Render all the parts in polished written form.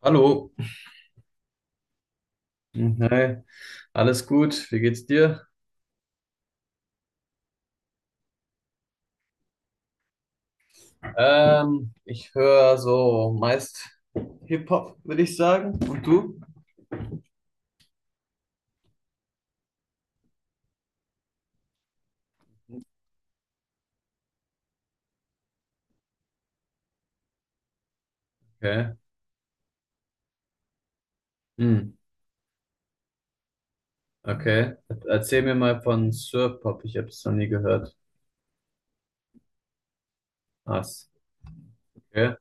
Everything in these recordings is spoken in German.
Hallo. Hi. Alles gut? Wie geht's dir? Ich höre so meist Hip-Hop, würde ich sagen. Und du? Okay. Hm. Okay. Erzähl mir mal von Surf-Pop. Ich habe es noch nie gehört. Was? Okay.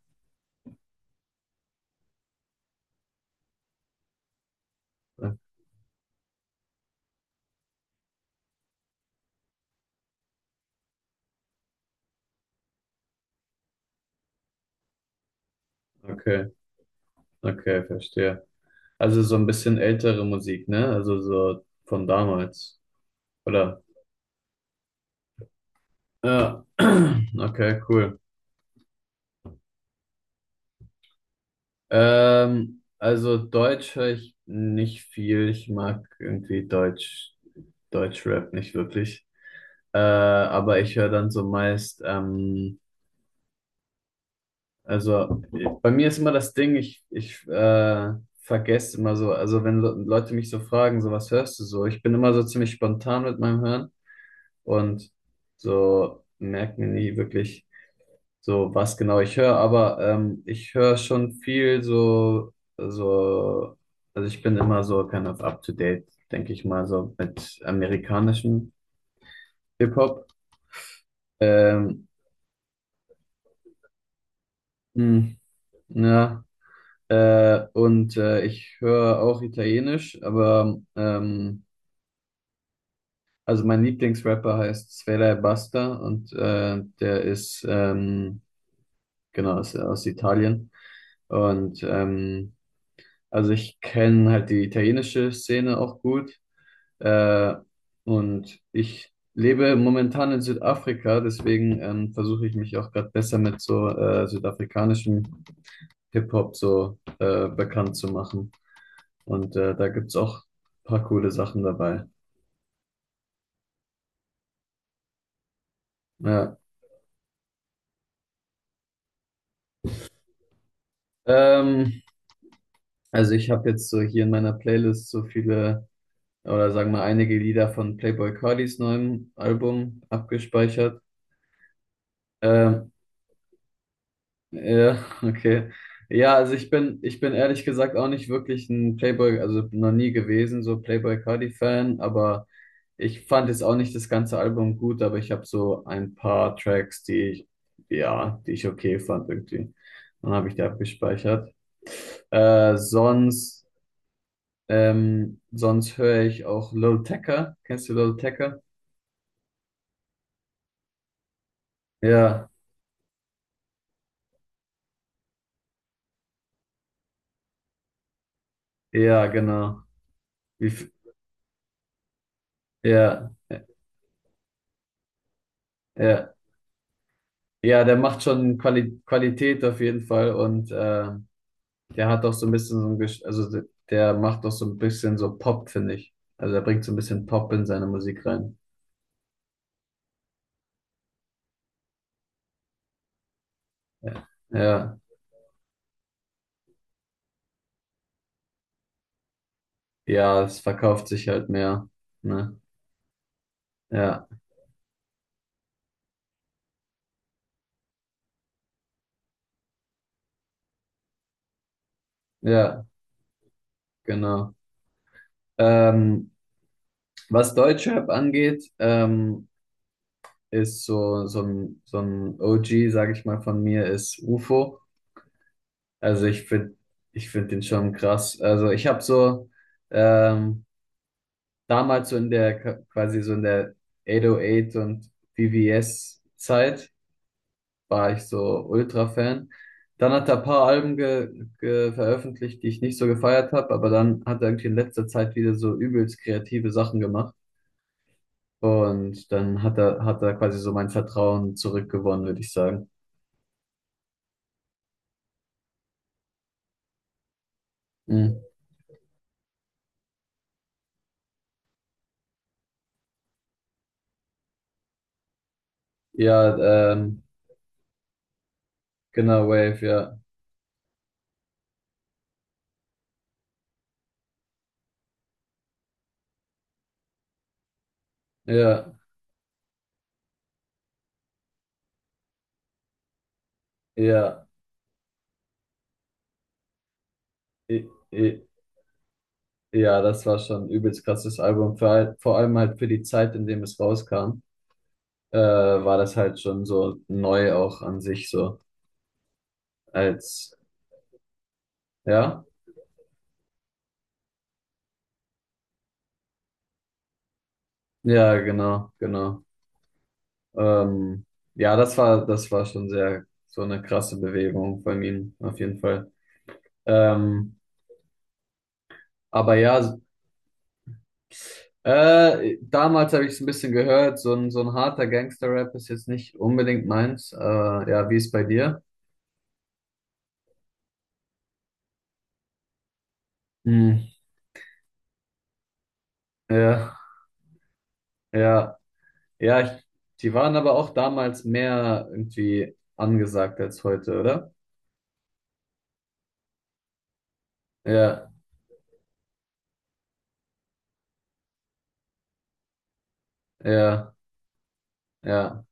Okay. Okay, verstehe. Also so ein bisschen ältere Musik, ne? Also so von damals. Oder? Ja. Okay, cool. Also Deutsch höre ich nicht viel. Ich mag irgendwie Deutschrap nicht wirklich. Aber ich höre dann so meist, also bei mir ist immer das Ding, ich vergesse immer so, also wenn Leute mich so fragen, so was hörst du so? Ich bin immer so ziemlich spontan mit meinem Hören und so merke mir nie wirklich. So, was genau ich höre, aber ich höre schon viel so, also ich bin immer so kind of up to date, denke ich mal, so mit amerikanischem Hip-Hop. Ähm, mh, ja, und ich höre auch Italienisch, aber also mein Lieblingsrapper heißt Sfera Ebbasta und der ist, genau, ist aus Italien. Und also ich kenne halt die italienische Szene auch gut. Äh, und ich lebe momentan in Südafrika, deswegen versuche ich mich auch gerade besser mit so südafrikanischem Hip-Hop so bekannt zu machen. Und da gibt's auch ein paar coole Sachen dabei. Ja. Ähm, also ich habe jetzt so hier in meiner Playlist so viele oder sagen wir einige Lieder von Playboi Cartis neuem Album abgespeichert. Ähm, Ja, okay. Ja, also ich bin ehrlich gesagt auch nicht wirklich ein Playboy, also noch nie gewesen, so Playboy Cardi-Fan, aber ich fand jetzt auch nicht das ganze Album gut, aber ich habe so ein paar Tracks, die ich okay fand irgendwie. Dann habe ich die abgespeichert. Äh, sonst, sonst höre ich auch Lil Tecca. Kennst du Lil Tecca? Ja, ja, genau. Wie, f- ja, ja. Ja, der macht schon Qualität auf jeden Fall. Und der hat doch so ein bisschen so ein, Gesch- also de- der macht doch so ein bisschen so Pop, finde ich. Also er bringt so ein bisschen Pop in seine Musik rein. Ja, ja, es verkauft sich halt mehr. Ne? Ja, ja, genau. Ähm, was Deutschrap angeht, ist so ein OG, sage ich mal, von mir ist UFO. Also ich finde den schon krass. Also ich habe so ähm, damals so in der 808 und VVS-Zeit war ich so Ultra-Fan. Dann hat er ein paar Alben ge ge veröffentlicht, die ich nicht so gefeiert habe, aber dann hat er irgendwie in letzter Zeit wieder so übelst kreative Sachen gemacht. Und dann hat er quasi so mein Vertrauen zurückgewonnen, würde ich sagen. Mhm. Ja, genau, Wave, ja. Ja, ja. I, i, ja, das war schon ein übelst krasses Album, vor allem halt für die Zeit, in dem es rauskam. War das halt schon so neu auch an sich so als, ja, ja, genau, genau. Ähm, ja, das war schon sehr so eine krasse Bewegung von ihm, auf jeden Fall. Ähm, aber ja, damals habe ich es ein bisschen gehört, so ein harter Gangster-Rap ist jetzt nicht unbedingt meins. Ja, wie ist bei dir? Hm, ja, ja, ja, die waren aber auch damals mehr irgendwie angesagt als heute, oder? Ja, ja. Ja,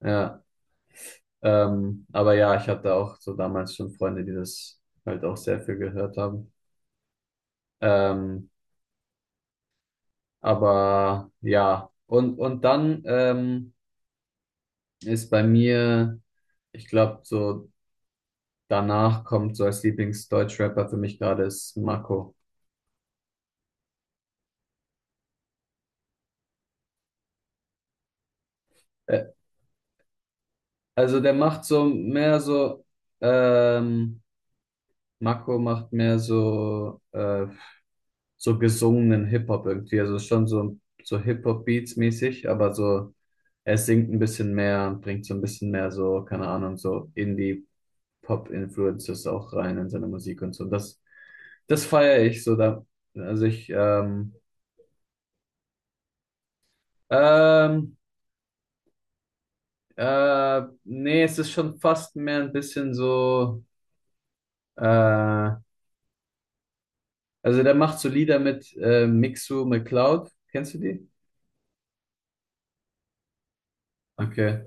ja. Aber ja, ich hatte auch so damals schon Freunde, die das halt auch sehr viel gehört haben. Ähm, aber ja, und dann ist bei mir, ich glaube, so danach kommt so als Lieblingsdeutschrapper für mich gerade ist Marco. Äh, also der macht so mehr so, ähm, Marco macht mehr so so gesungenen Hip-Hop irgendwie. Also schon so Hip-Hop-Beats mäßig, aber so, er singt ein bisschen mehr und bringt so ein bisschen mehr so, keine Ahnung, so Indie-Pop-Influences auch rein in seine Musik und so. Und das, das feiere ich so da. Also ähm, nee, es ist schon fast mehr ein bisschen so, äh, also der macht so Lieder mit Mixu McCloud. Kennst du die? Okay.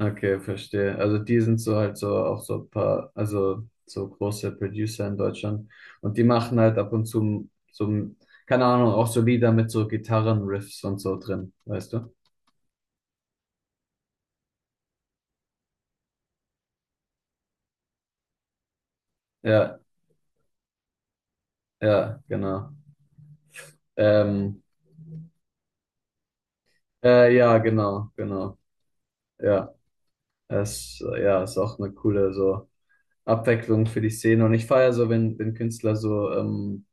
Okay, verstehe. Also die sind so halt so auch so ein paar, also so große Producer in Deutschland und die machen halt ab und zu so, keine Ahnung, auch so Lieder mit so Gitarrenriffs und so drin, weißt du? Ja, ja, genau. Ähm, ja, genau, genau. Ja, es ist auch eine coole so Abwechslung für die Szene und ich feiere so, wenn Künstler so ähm,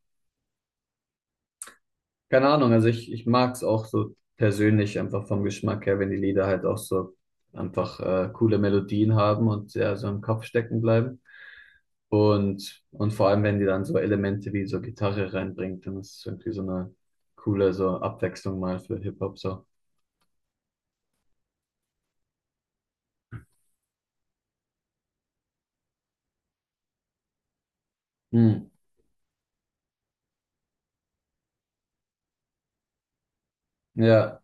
Keine Ahnung, also ich mag es auch so persönlich einfach vom Geschmack her, wenn die Lieder halt auch so einfach coole Melodien haben und ja, so im Kopf stecken bleiben. Und vor allem, wenn die dann so Elemente wie so Gitarre reinbringt, dann ist es irgendwie so eine coole so Abwechslung mal für Hip-Hop so. Hm. Ja,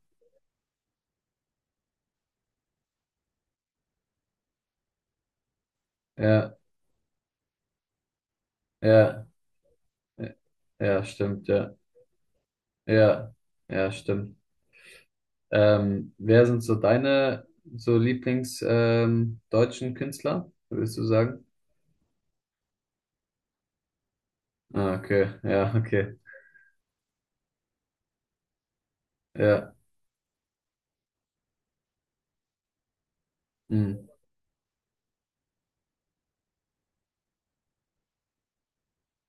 ja, ja, ja, ja, stimmt, ja, ja, ja, stimmt. Wer sind so deine so Lieblings deutschen Künstler, würdest du sagen? Ah, okay. Ja, okay. Ja. Hm.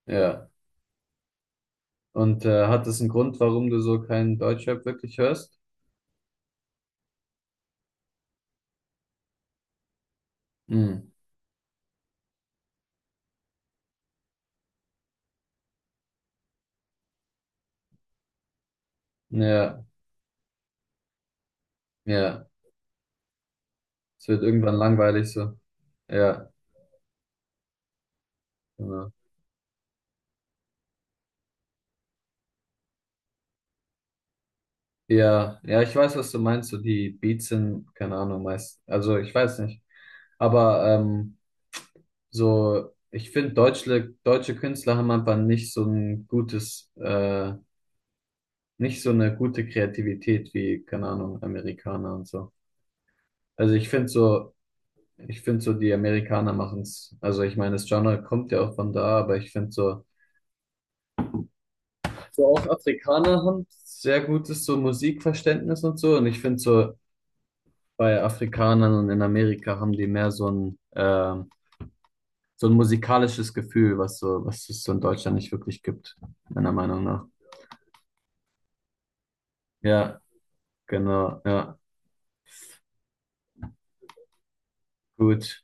Ja. Und hat das einen Grund, warum du so keinen Deutschrap wirklich hörst? Hm. Ja, ja. Es wird irgendwann langweilig so. Ja, genau. Ja, ja, ich weiß, was du meinst. So die Beats sind, keine Ahnung, meist. Also ich weiß nicht. Aber so, ich finde, deutsche Künstler haben einfach nicht so ein gutes, nicht so eine gute Kreativität wie, keine Ahnung, Amerikaner und so. Also ich finde so, die Amerikaner machen es. Also ich meine, das Genre kommt ja auch von da, aber ich finde so, so auch Afrikaner haben sehr gutes so Musikverständnis und so. Und ich finde so, bei Afrikanern und in Amerika haben die mehr so ein musikalisches Gefühl, was so, was es so in Deutschland nicht wirklich gibt, meiner Meinung nach. Ja, genau. Ja, gut.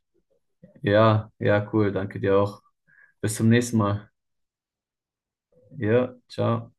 Ja, ja, cool. Danke dir auch. Bis zum nächsten Mal. Ja, ciao.